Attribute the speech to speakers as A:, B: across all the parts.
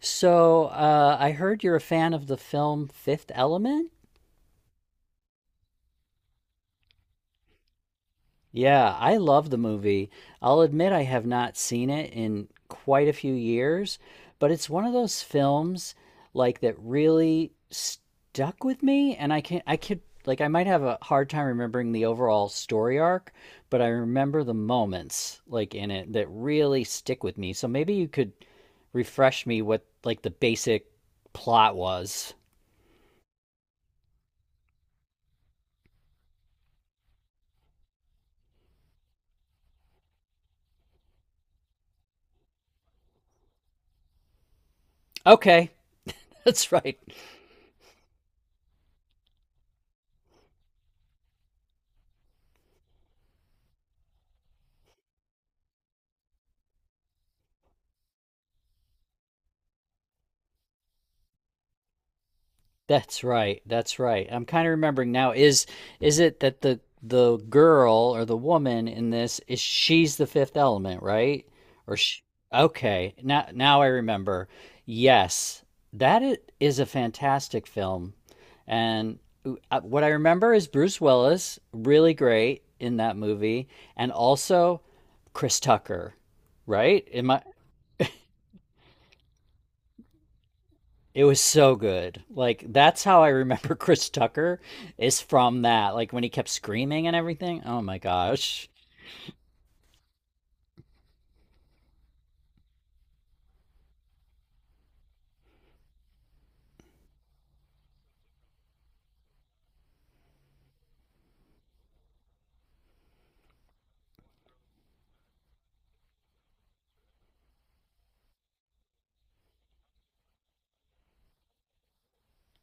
A: So I heard you're a fan of the film Fifth Element? Yeah, I love the movie. I'll admit I have not seen it in quite a few years, but it's one of those films like that really stuck with me and I can I could like I might have a hard time remembering the overall story arc, but I remember the moments like in it that really stick with me. So maybe you could refresh me what like the basic plot was. Okay, that's right. That's right. That's right. I'm kind of remembering now. Is it that the girl or the woman in this is she's the fifth element, right? Or she, okay, now I remember. Yes, is a fantastic film, and what I remember is Bruce Willis really great in that movie, and also Chris Tucker, right? Am I It was so good. Like that's how I remember Chris Tucker is from that. Like when he kept screaming and everything. Oh my gosh.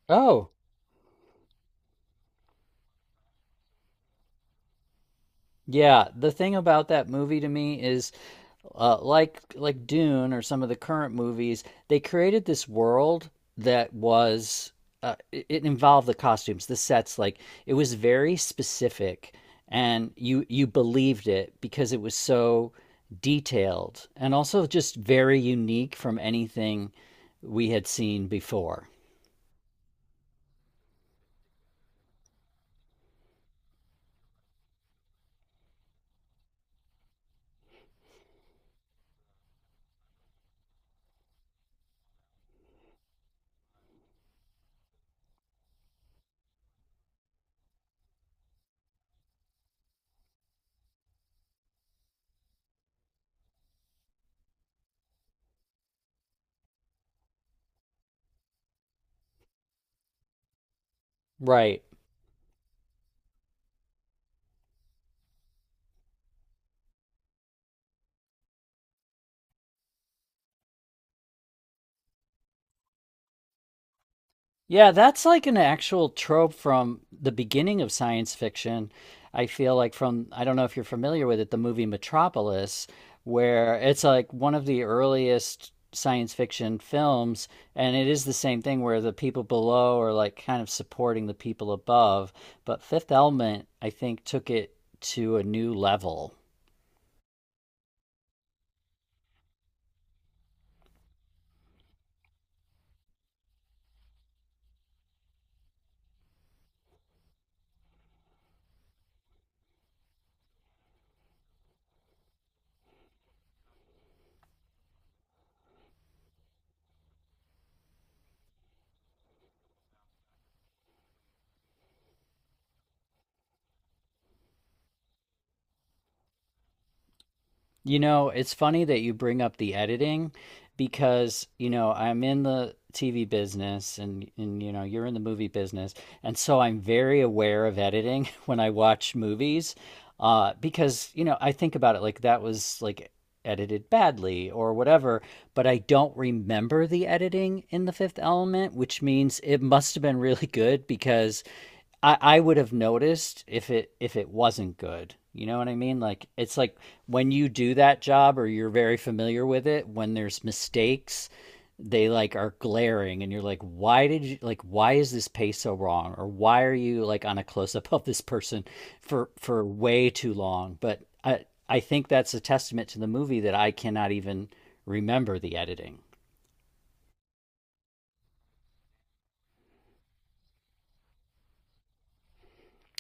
A: Oh, yeah, the thing about that movie to me is like Dune or some of the current movies, they created this world that was it involved the costumes, the sets. Like it was very specific, and you believed it because it was so detailed and also just very unique from anything we had seen before. Right. Yeah, that's like an actual trope from the beginning of science fiction. I feel like from, I don't know if you're familiar with it, the movie Metropolis, where it's like one of the earliest science fiction films, and it is the same thing where the people below are like kind of supporting the people above. But Fifth Element, I think, took it to a new level. You know, it's funny that you bring up the editing because, you know, I'm in the TV business and you know, you're in the movie business. And so I'm very aware of editing when I watch movies because, you know, I think about it like that was like edited badly or whatever but I don't remember the editing in The Fifth Element, which means it must have been really good because I would have noticed if it wasn't good. You know what I mean? Like it's like when you do that job or you're very familiar with it, when there's mistakes, they like are glaring and you're like why did you like why is this pace so wrong or why are you like on a close up of this person for way too long but I think that's a testament to the movie that I cannot even remember the editing.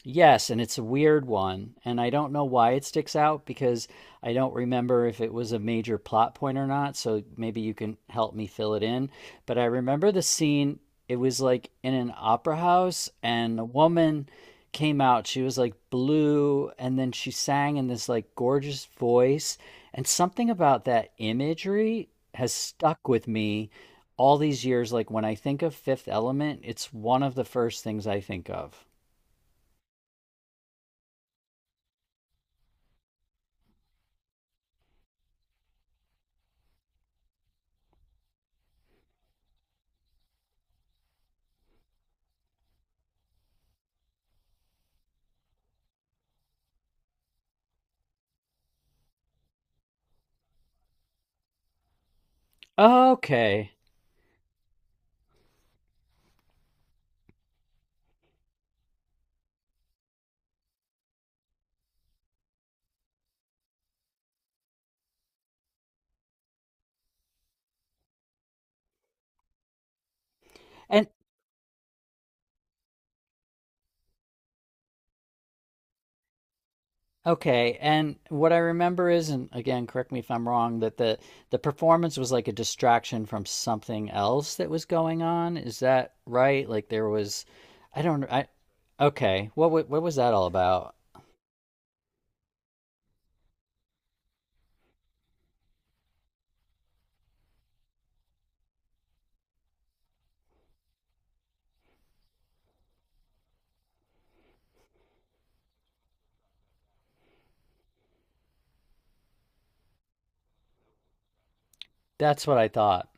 A: Yes, and it's a weird one, and I don't know why it sticks out because I don't remember if it was a major plot point or not, so maybe you can help me fill it in. But I remember the scene, it was like in an opera house, and a woman came out. She was like blue, and then she sang in this like gorgeous voice, and something about that imagery has stuck with me all these years. Like when I think of Fifth Element, it's one of the first things I think of. Okay. And okay, and what I remember is, and again, correct me if I'm wrong, that the performance was like a distraction from something else that was going on. Is that right? Like there was, I don't, I Okay. What was that all about? That's what I thought.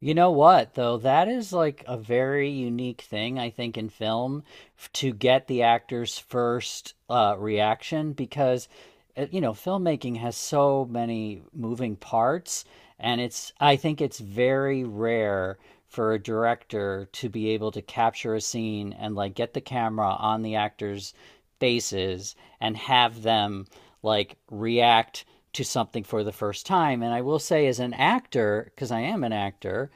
A: You know what, though? That is like a very unique thing, I think, in film to get the actor's first reaction because, you know, filmmaking has so many moving parts. I think it's very rare for a director to be able to capture a scene and like get the camera on the actor's faces and have them like react to something for the first time. And I will say, as an actor, because I am an actor,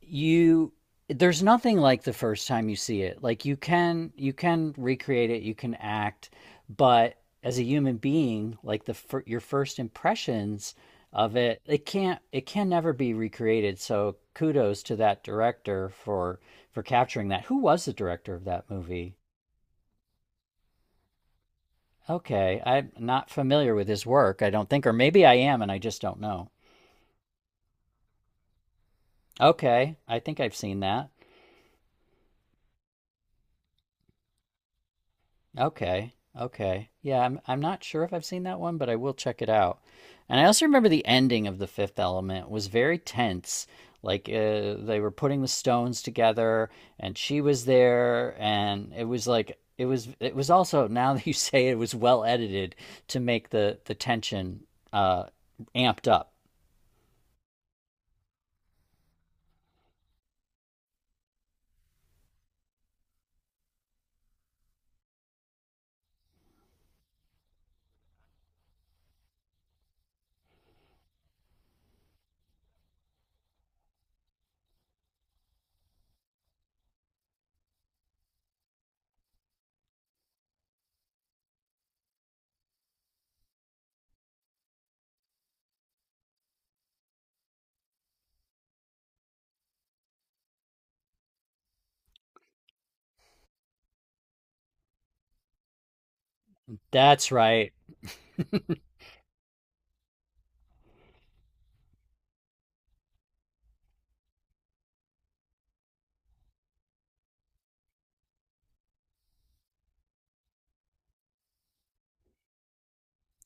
A: you there's nothing like the first time you see it. Like you can recreate it, you can act, but as a human being, your first impressions of it, it can't it can never be recreated. So kudos to that director for capturing that. Who was the director of that movie? Okay, I'm not familiar with his work, I don't think, or maybe I am and I just don't know. Okay, I think I've seen that. Okay. Okay. Yeah, I'm not sure if I've seen that one, but I will check it out. And I also remember the ending of The Fifth Element was very tense. Like they were putting the stones together and she was there and it was like it was also now that you say it, it was well edited to make the tension uh amped up. That's right.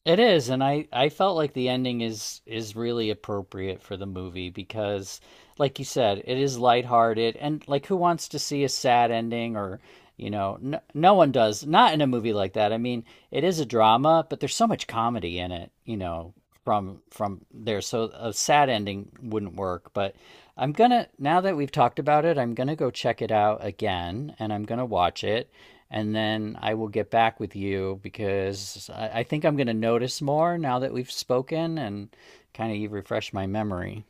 A: It is, and I felt like the ending is really appropriate for the movie because, like you said, it is lighthearted and like who wants to see a sad ending or you know no, no one does not in a movie like that. I mean, it is a drama, but there's so much comedy in it, you know, from there. So a sad ending wouldn't work, but I'm gonna now that we've talked about it, I'm gonna go check it out again and I'm gonna watch it and then I will get back with you because I think I'm going to notice more now that we've spoken and kind of refresh my memory.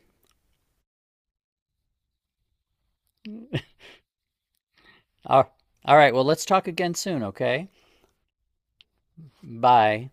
A: All, all right. Well, let's talk again soon. Okay. Bye.